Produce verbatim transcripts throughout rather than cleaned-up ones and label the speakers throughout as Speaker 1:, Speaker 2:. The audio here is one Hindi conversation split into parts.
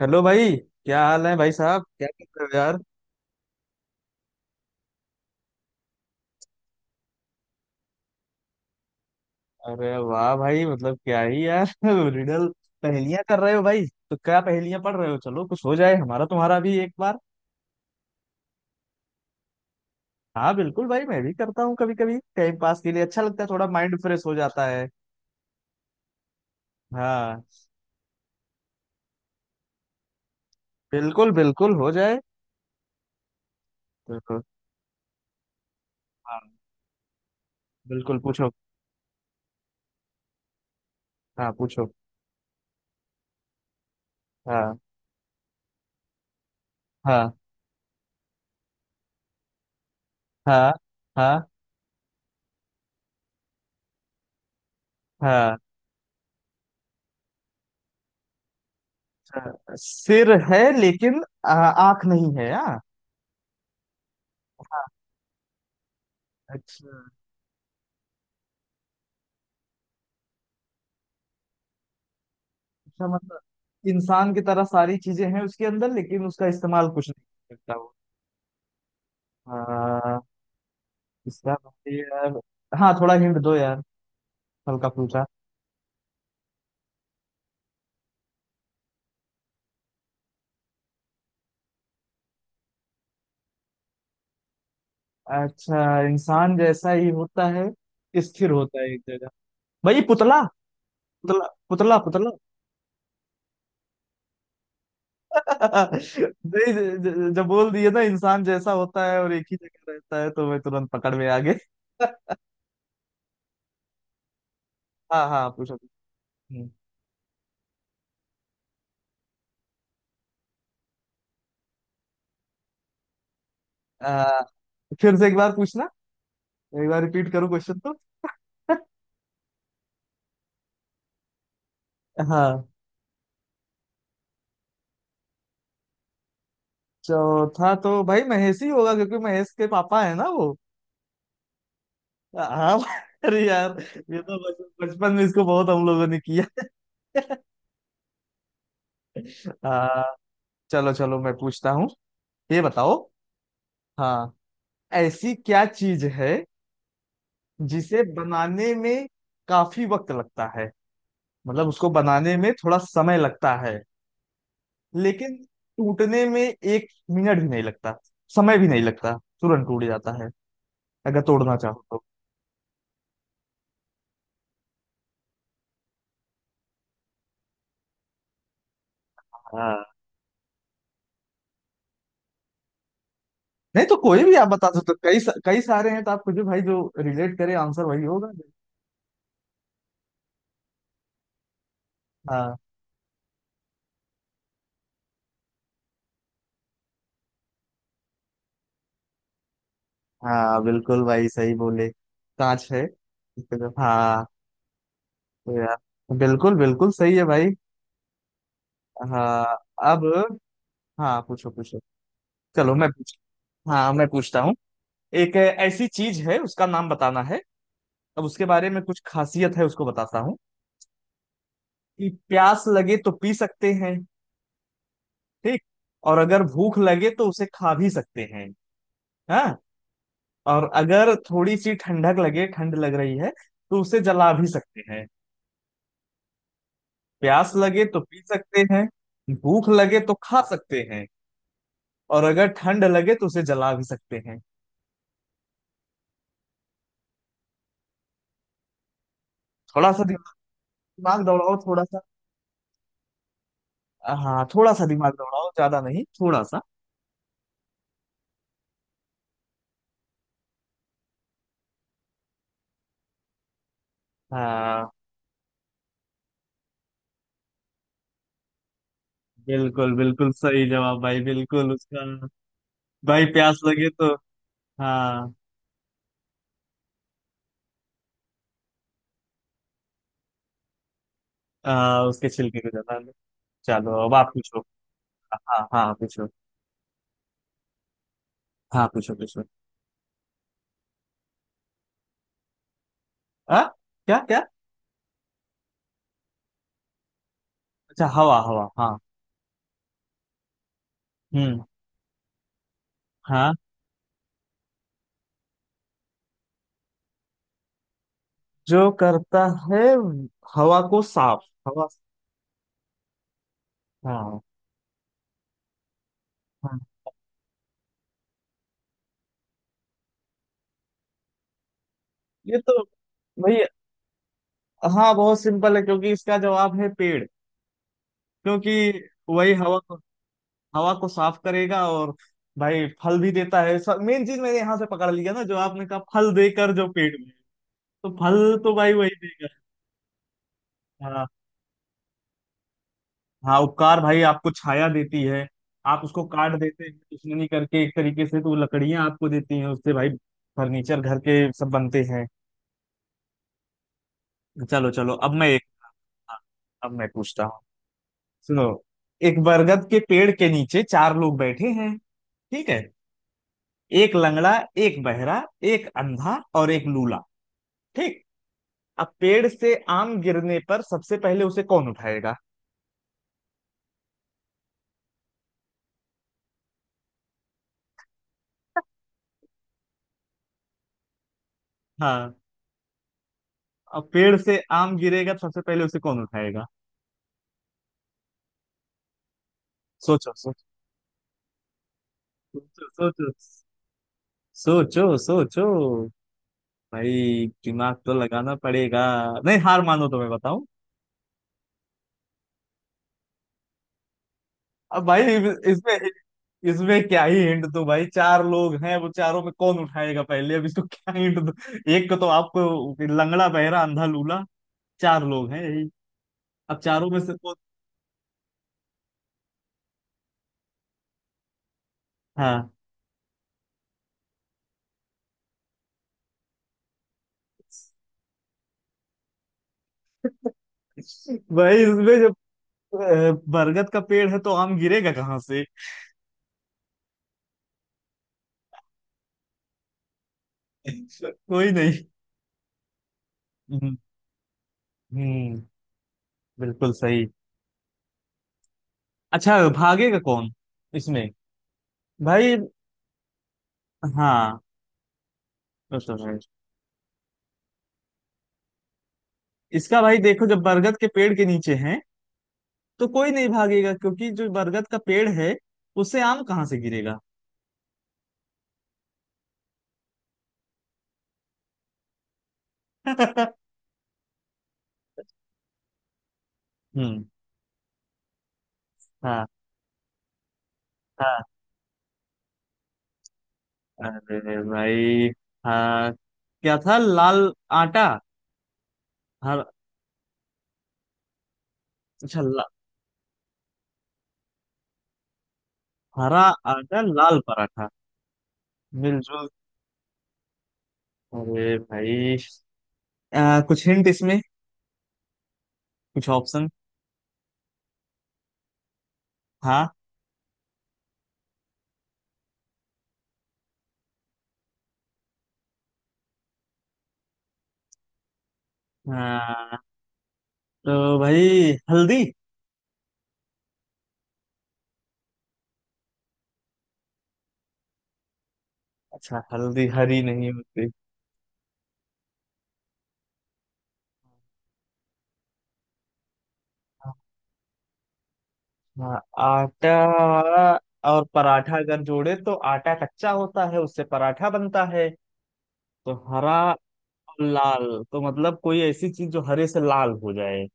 Speaker 1: हेलो भाई। क्या हाल है भाई साहब, क्या कर रहे हो यार? अरे वाह भाई, मतलब क्या ही यार। रिडल पहेलियां कर रहे हो भाई? तो क्या पहेलियां पढ़ रहे हो? चलो कुछ हो जाए हमारा तुम्हारा भी एक बार। हाँ बिल्कुल भाई, मैं भी करता हूँ कभी कभी टाइम पास के लिए। अच्छा लगता है, थोड़ा माइंड फ्रेश हो जाता है। हाँ, बिल्कुल बिल्कुल हो जाए। बिल्कुल। हाँ बिल्कुल, पूछो। हाँ पूछो। हाँ। हाँ। हाँ। हाँ। हाँ। अच्छा, सिर है लेकिन आ, आँख नहीं है। हाँ। हाँ। अच्छा। अच्छा मतलब इंसान की तरह सारी चीजें हैं उसके अंदर, लेकिन उसका इस्तेमाल कुछ नहीं कर सकता वो। हाँ। इसका मतलब यार। हाँ थोड़ा हिंट दो यार, हल्का फुल्का। अच्छा, इंसान जैसा ही होता है, स्थिर होता है एक जगह। भाई पुतला, पुतला पुतला पुतला। नहीं, ज- ज- जब बोल दिए ना इंसान जैसा होता है और एक ही जगह रहता है, तो मैं तुरंत पकड़ में आ गए। हाँ हाँ पूछो। हम्म। आ, फिर से एक बार पूछना, एक बार रिपीट करो क्वेश्चन तो। हाँ। चौथा तो भाई महेश ही होगा क्योंकि महेश के पापा है ना वो। हाँ। अरे यार, ये तो बच- बचपन में इसको बहुत हम लोगों ने किया। हाँ। चलो चलो मैं पूछता हूँ, ये बताओ। हाँ। ऐसी क्या चीज है जिसे बनाने में काफी वक्त लगता है, मतलब उसको बनाने में थोड़ा समय लगता है, लेकिन टूटने में एक मिनट भी नहीं लगता, समय भी नहीं लगता, तुरंत टूट जाता है अगर तोड़ना चाहो तो। हाँ। नहीं तो कोई भी आप बता दो, तो कई सा, कई सारे हैं, तो आपको जो भाई जो रिलेट करे आंसर वही होगा। हाँ हाँ बिल्कुल भाई, सही बोले, कांच है। हाँ, तो यार बिल्कुल बिल्कुल सही है भाई। हाँ। अब हाँ पूछो पूछो। चलो मैं पूछ हाँ मैं पूछता हूँ। एक ऐसी चीज है, उसका नाम बताना है। अब उसके बारे में कुछ खासियत है, उसको बताता हूँ कि प्यास लगे तो पी सकते हैं, ठीक, और अगर भूख लगे तो उसे खा भी सकते हैं। हाँ। और अगर थोड़ी सी ठंडक लगे, ठंड लग रही है, तो उसे जला भी सकते हैं। प्यास लगे तो पी सकते हैं, भूख लगे तो खा सकते हैं, और अगर ठंड लगे तो उसे जला भी सकते हैं। थोड़ा सा दिमाग, दिमाग दौड़ाओ थोड़ा सा। हाँ थोड़ा सा दिमाग दौड़ाओ, ज्यादा नहीं, थोड़ा सा। हाँ बिल्कुल बिल्कुल सही जवाब भाई, बिल्कुल उसका। भाई प्यास लगे तो। हाँ। आ, उसके छिलके को जला लो। चलो अब आप पूछो। हाँ हाँ पूछो। हाँ पूछो पूछो। हाँ। क्या क्या? अच्छा, हवा हवा, हाँ। हम्म। हाँ। जो करता है हवा को साफ, हवा। हाँ। हाँ, ये तो भाई। हाँ, बहुत सिंपल है क्योंकि इसका जवाब है पेड़। क्योंकि वही हवा को, हवा को साफ करेगा, और भाई फल भी देता है। सब मेन चीज मैंने यहाँ से पकड़ लिया ना, जो आपने कहा फल देकर जो पेड़ में, तो फल तो भाई वही देगा। हाँ। हाँ उपकार, भाई आपको छाया देती है, आप उसको काट देते हैं दुश्मनी करके एक तरीके से, तो लकड़ियां आपको देती हैं, उससे भाई फर्नीचर घर के सब बनते हैं। चलो चलो अब मैं एक। हाँ, अब मैं पूछता हूँ। सुनो, एक बरगद के पेड़ के नीचे चार लोग बैठे हैं, ठीक है, एक लंगड़ा, एक बहरा, एक अंधा, और एक लूला, ठीक। अब पेड़ से आम गिरने पर सबसे पहले उसे कौन उठाएगा? हाँ, अब पेड़ से आम गिरेगा तो सबसे पहले उसे कौन उठाएगा? सोचो सोचो। सोचो सोचो। सोचो सोचो। भाई दिमाग तो लगाना पड़ेगा। नहीं, हार मानो तो मैं बताऊं। अब भाई इसमें, इसमें क्या ही हिंट दूं भाई? चार लोग हैं, वो चारों में कौन उठाएगा पहले, अब इसको क्या हिंट दूं? एक को तो आपको, लंगड़ा बहरा अंधा लूला, चार लोग हैं यही। अब चारों में से कौन? हाँ भाई, इसमें जब अ, बरगद का पेड़ है तो आम गिरेगा कहाँ से? कोई नहीं। हम्म। हम्म, बिल्कुल सही। अच्छा, भागेगा कौन इसमें भाई? हाँ, वो तो है। इसका भाई देखो, जब बरगद के पेड़ के नीचे हैं, तो कोई नहीं भागेगा, क्योंकि जो बरगद का पेड़ है उससे आम कहाँ से गिरेगा? हम्म। हाँ। हाँ। अरे भाई, हाँ, क्या था लाल, आटा, हर। अच्छा ला, हरा आटा लाल पराठा, मिलजुल। अरे भाई, आ, कुछ हिंट इसमें, कुछ ऑप्शन। हाँ। हाँ तो भाई हल्दी। अच्छा, हल्दी हरी नहीं होती? हाँ आटा, और पराठा अगर जोड़े, तो आटा कच्चा होता है, उससे पराठा बनता है, तो हरा और लाल, तो मतलब कोई ऐसी चीज जो हरे से लाल हो जाए।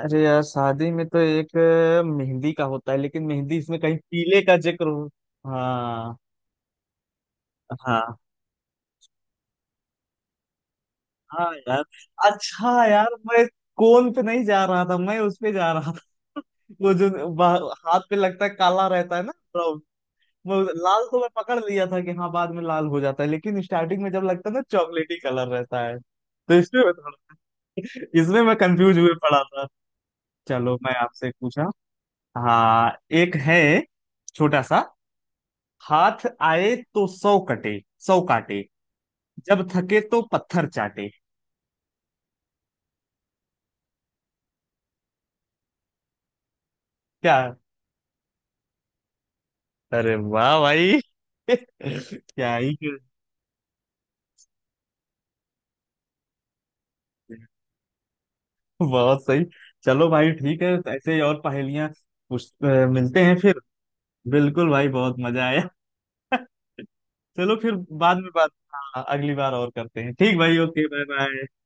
Speaker 1: अरे यार शादी में तो एक अ, मेहंदी का होता है, लेकिन मेहंदी इसमें कहीं पीले का जिक्र हो। हाँ। हाँ। हाँ यार, अच्छा यार, मैं कोन पे नहीं जा रहा था, मैं उस पे जा रहा था। वो जो बा- हाथ पे लगता है काला रहता है ना, वो लाल तो मैं पकड़ लिया था कि हाँ बाद में लाल हो जाता है, लेकिन स्टार्टिंग में जब लगता है ना चॉकलेटी कलर रहता है, तो इसमें मैं थोड़ा। इसमें मैं कंफ्यूज हुए पड़ा था। चलो मैं आपसे पूछा। हाँ। एक है छोटा सा, हाथ आए तो सौ कटे, सौ काटे, जब थके तो पत्थर चाटे। क्या? अरे वाह भाई! क्या ही। बहुत सही। चलो भाई ठीक है, ऐसे ही और पहेलियां पूछ- अ, मिलते हैं फिर। बिल्कुल भाई, बहुत मजा आया। चलो फिर, बाद में बात। हाँ अगली बार और करते हैं। ठीक भाई, ओके, बाय बाय।